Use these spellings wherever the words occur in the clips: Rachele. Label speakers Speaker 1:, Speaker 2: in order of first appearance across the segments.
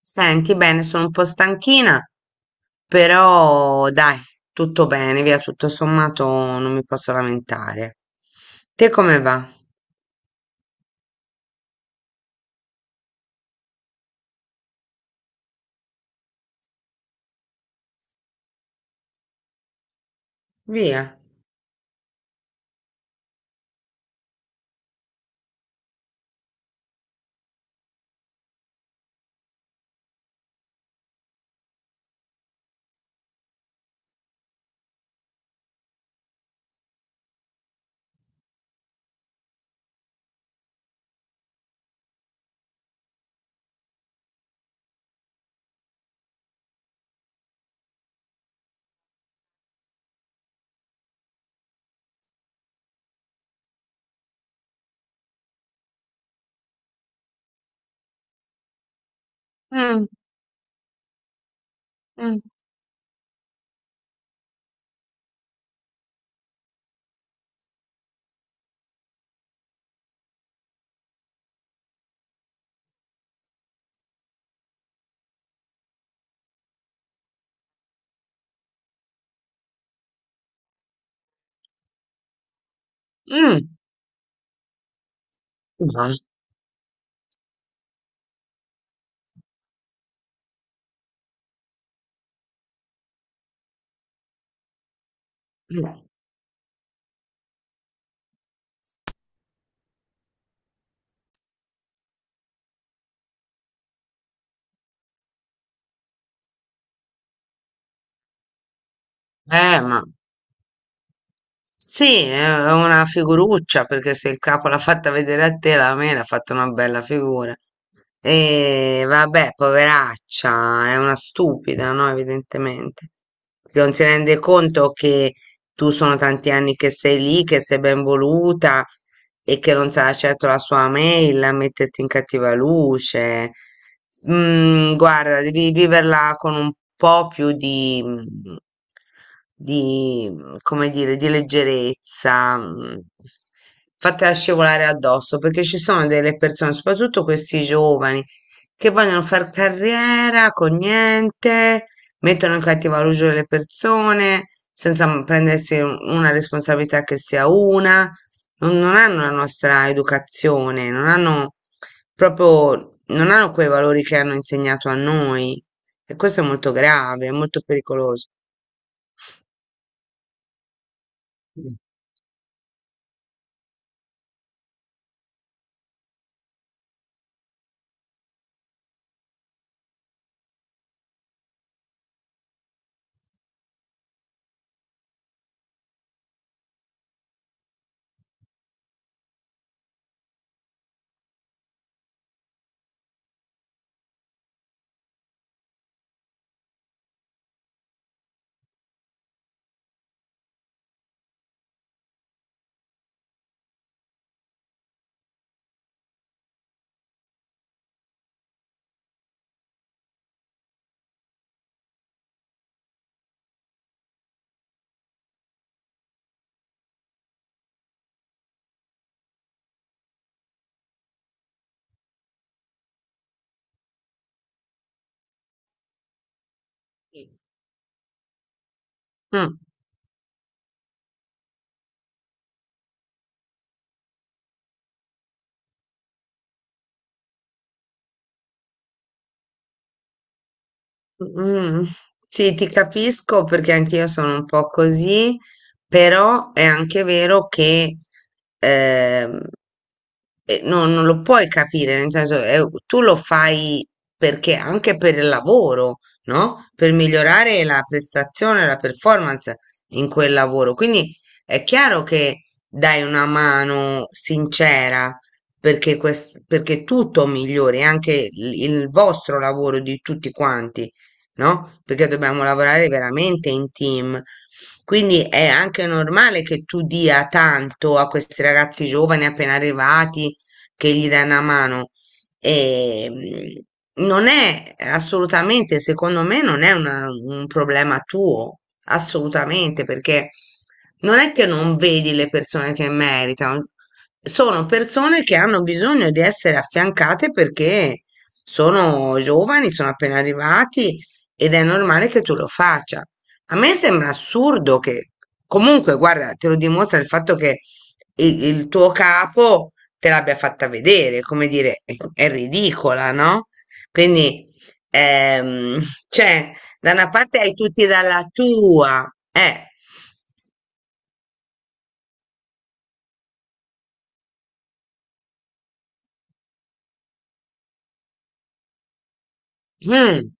Speaker 1: Senti, bene, sono un po' stanchina, però dai, tutto bene, via, tutto sommato non mi posso lamentare. Te come va? Via. Mm, mm, mm. Dai, dai. Eh, ma Sì, è una figuruccia perché se il capo l'ha fatta vedere a te, la mela ha fatto una bella figura. E vabbè, poveraccia, è una stupida, no? Evidentemente, che non si rende conto che tu sono tanti anni che sei lì, che sei ben voluta e che non sarà certo la sua mail a metterti in cattiva luce. Mm, guarda, devi viverla con un po' più di come dire, di leggerezza, fatela scivolare addosso, perché ci sono delle persone, soprattutto questi giovani, che vogliono far carriera con niente, mettono in cattivo luce le persone senza prendersi una responsabilità che sia una, non hanno la nostra educazione, non hanno proprio, non hanno quei valori che hanno insegnato a noi. E questo è molto grave, è molto pericoloso. Mm. Sì. Mm, sì, ti capisco perché anch'io sono un po' così, però è anche vero che ehm, non lo puoi capire, nel senso, tu lo fai perché anche per il lavoro, no? Per migliorare la prestazione, la performance in quel lavoro. Quindi è chiaro che dai una mano sincera perché, perché tutto migliori, anche il vostro lavoro di tutti quanti, no? Perché dobbiamo lavorare veramente in team. Quindi è anche normale che tu dia tanto a questi ragazzi giovani appena arrivati che gli dà una mano. E, non è assolutamente, secondo me, non è un problema tuo, assolutamente, perché non è che non vedi le persone che meritano, sono persone che hanno bisogno di essere affiancate perché sono giovani, sono appena arrivati ed è normale che tu lo faccia. A me sembra assurdo che, comunque, guarda, te lo dimostra il fatto che tuo capo te l'abbia fatta vedere, come dire, è ridicola, no? Quindi, ehm, cioè, da una parte hai tutti dalla tua, eh. Mm,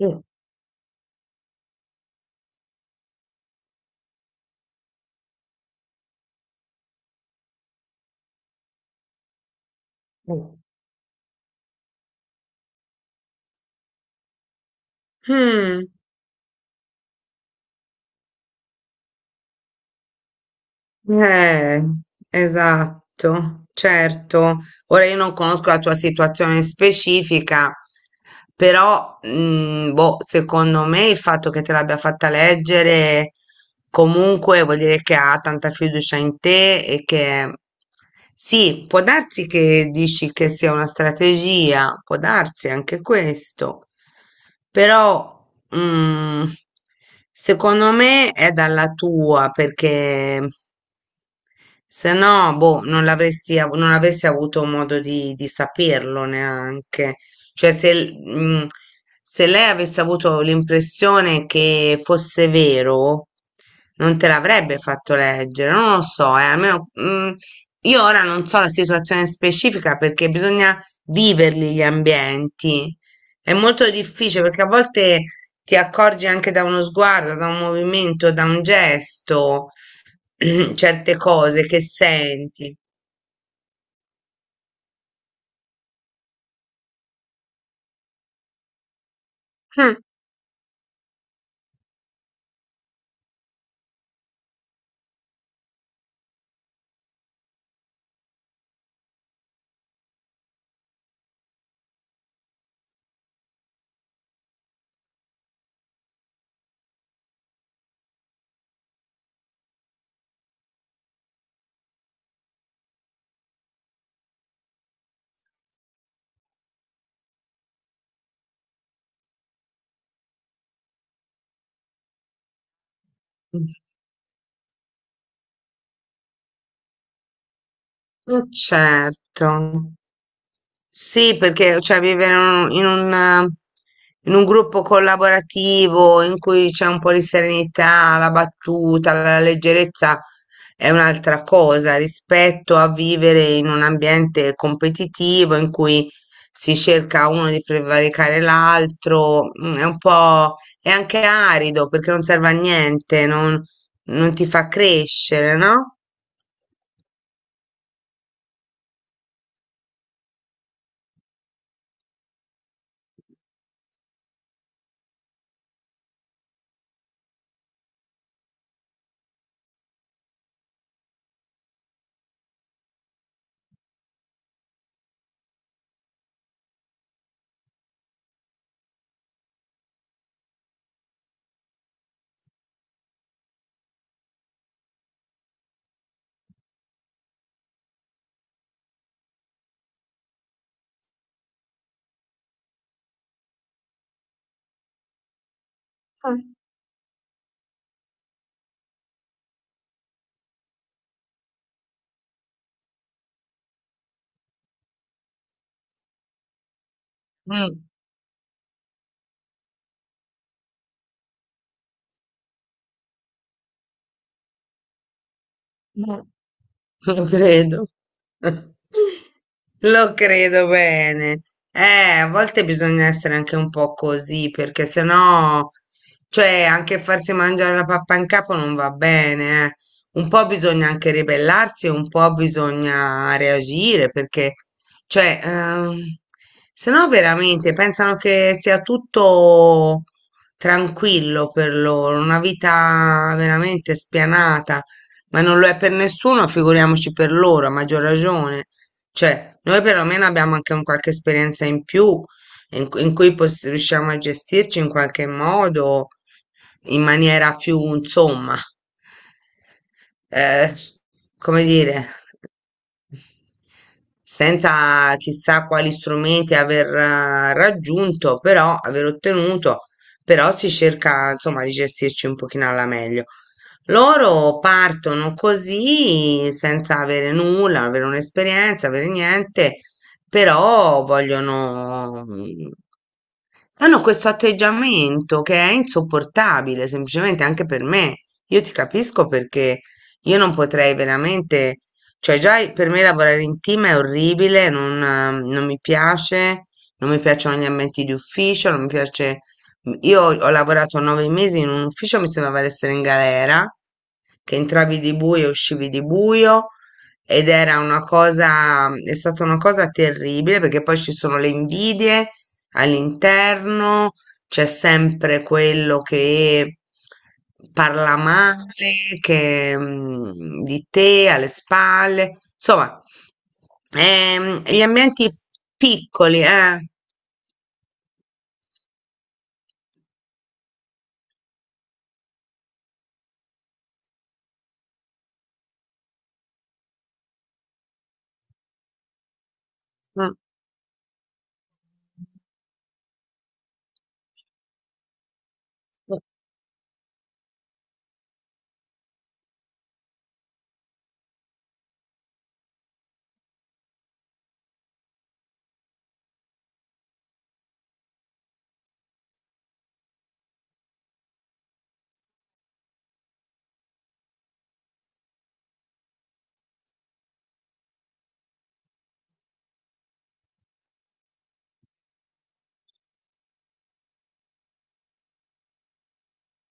Speaker 1: mm, mm, mm. Eh, esatto, certo. Ora io non conosco la tua situazione specifica, però mm, boh, secondo me il fatto che te l'abbia fatta leggere comunque vuol dire che ha tanta fiducia in te e che sì, può darsi che dici che sia una strategia, può darsi anche questo, però mm, secondo me è dalla tua perché. Se no, boh, non l'avresti, non avresti avuto modo di saperlo neanche. Cioè, se, mm, se lei avesse avuto l'impressione che fosse vero, non te l'avrebbe fatto leggere. Non lo so, almeno, mm, io ora non so la situazione specifica perché bisogna viverli gli ambienti. È molto difficile perché a volte ti accorgi anche da uno sguardo, da un movimento, da un gesto. certe cose che senti. Mm, mm, certo. Sì, perché cioè, vivere in in un gruppo collaborativo in cui c'è un po' di serenità, la battuta, la leggerezza è un'altra cosa rispetto a vivere in un ambiente competitivo in cui si cerca uno di prevaricare l'altro, mm, è un po' è anche arido perché non serve a niente, non, non ti fa crescere, no? Ah, Mm. No, lo credo. Lo credo bene. Eh, a volte bisogna essere anche un po' così, perché sennò, cioè, anche farsi mangiare la pappa in capo non va bene, eh. Un po' bisogna anche ribellarsi, un po' bisogna reagire, perché, cioè, sennò veramente pensano che sia tutto tranquillo per loro, una vita veramente spianata. Ma non lo è per nessuno, figuriamoci per loro, a maggior ragione. Cioè, noi perlomeno abbiamo anche un qualche esperienza in più in, in cui riusciamo a gestirci in qualche modo, in maniera più, insomma, eh, come dire, senza chissà quali strumenti aver raggiunto, però aver ottenuto, però si cerca insomma di gestirci un pochino alla meglio. Loro partono così senza avere nulla, avere un'esperienza, avere niente, però vogliono, hanno questo atteggiamento che è insopportabile, semplicemente anche per me. Io ti capisco perché io non potrei veramente, cioè già per me lavorare in team è orribile, non, non mi piace, non mi piacciono gli ambienti di ufficio, non mi piace. Io ho lavorato 9 mesi in un ufficio, mi sembrava di essere in galera, che entravi di buio e uscivi di buio ed era una cosa, è stata una cosa terribile perché poi ci sono le invidie all'interno, c'è sempre quello che parla male, che, mm, di te alle spalle, insomma, gli ambienti piccoli, eh. Mm, mm,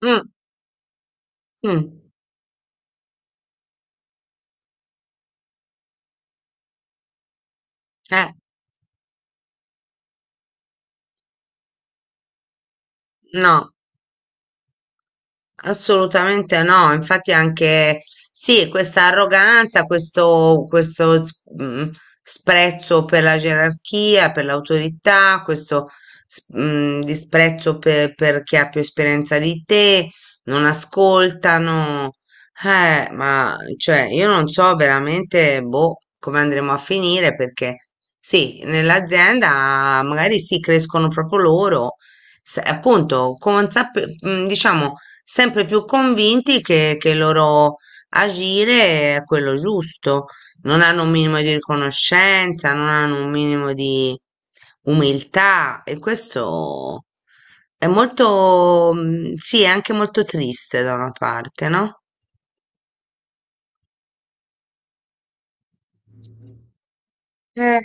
Speaker 1: mm, mm, eh, no. Assolutamente no, infatti anche sì, questa arroganza, questo sprezzo per la gerarchia, per l'autorità, questo disprezzo per chi ha più esperienza di te, non ascoltano, ma cioè io non so veramente boh, come andremo a finire perché sì, nell'azienda magari sì, crescono proprio loro, appunto, diciamo sempre più convinti che il loro agire è quello giusto, non hanno un minimo di riconoscenza, non hanno un minimo di umiltà e questo è molto, mm, sì, è anche molto triste da una parte, no? Eh,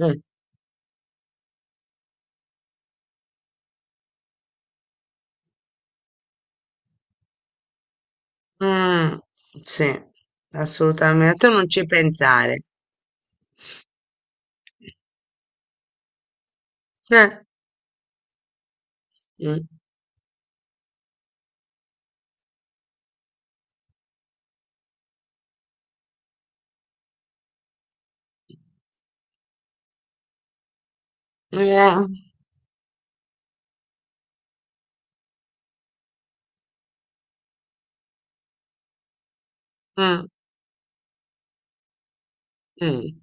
Speaker 1: mm. Mm, sì, assolutamente, tu non ci pensare. Eh. Mm, eh, mm, mm.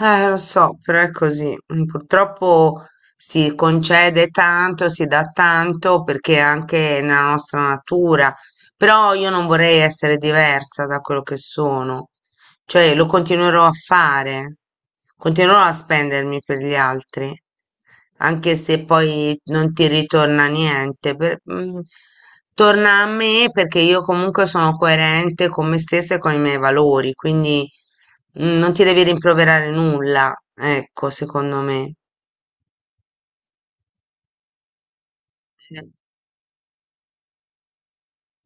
Speaker 1: Lo so, però è così. Mm, purtroppo si concede tanto, si dà tanto perché è anche nella nostra natura. Però io non vorrei essere diversa da quello che sono. Cioè lo continuerò a fare, continuerò a spendermi per gli altri, anche se poi non ti ritorna niente. Mm, torna a me perché io comunque sono coerente con me stessa e con i miei valori, quindi mm, non ti devi rimproverare nulla, ecco, secondo me.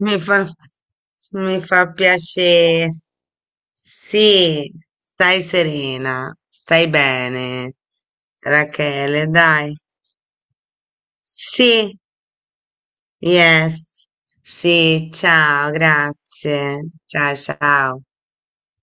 Speaker 1: Mi fa, mi fa piacere. Sì, stai serena, stai bene, Rachele, dai. Sì, yes. Sì, ciao, grazie. Ciao, ciao.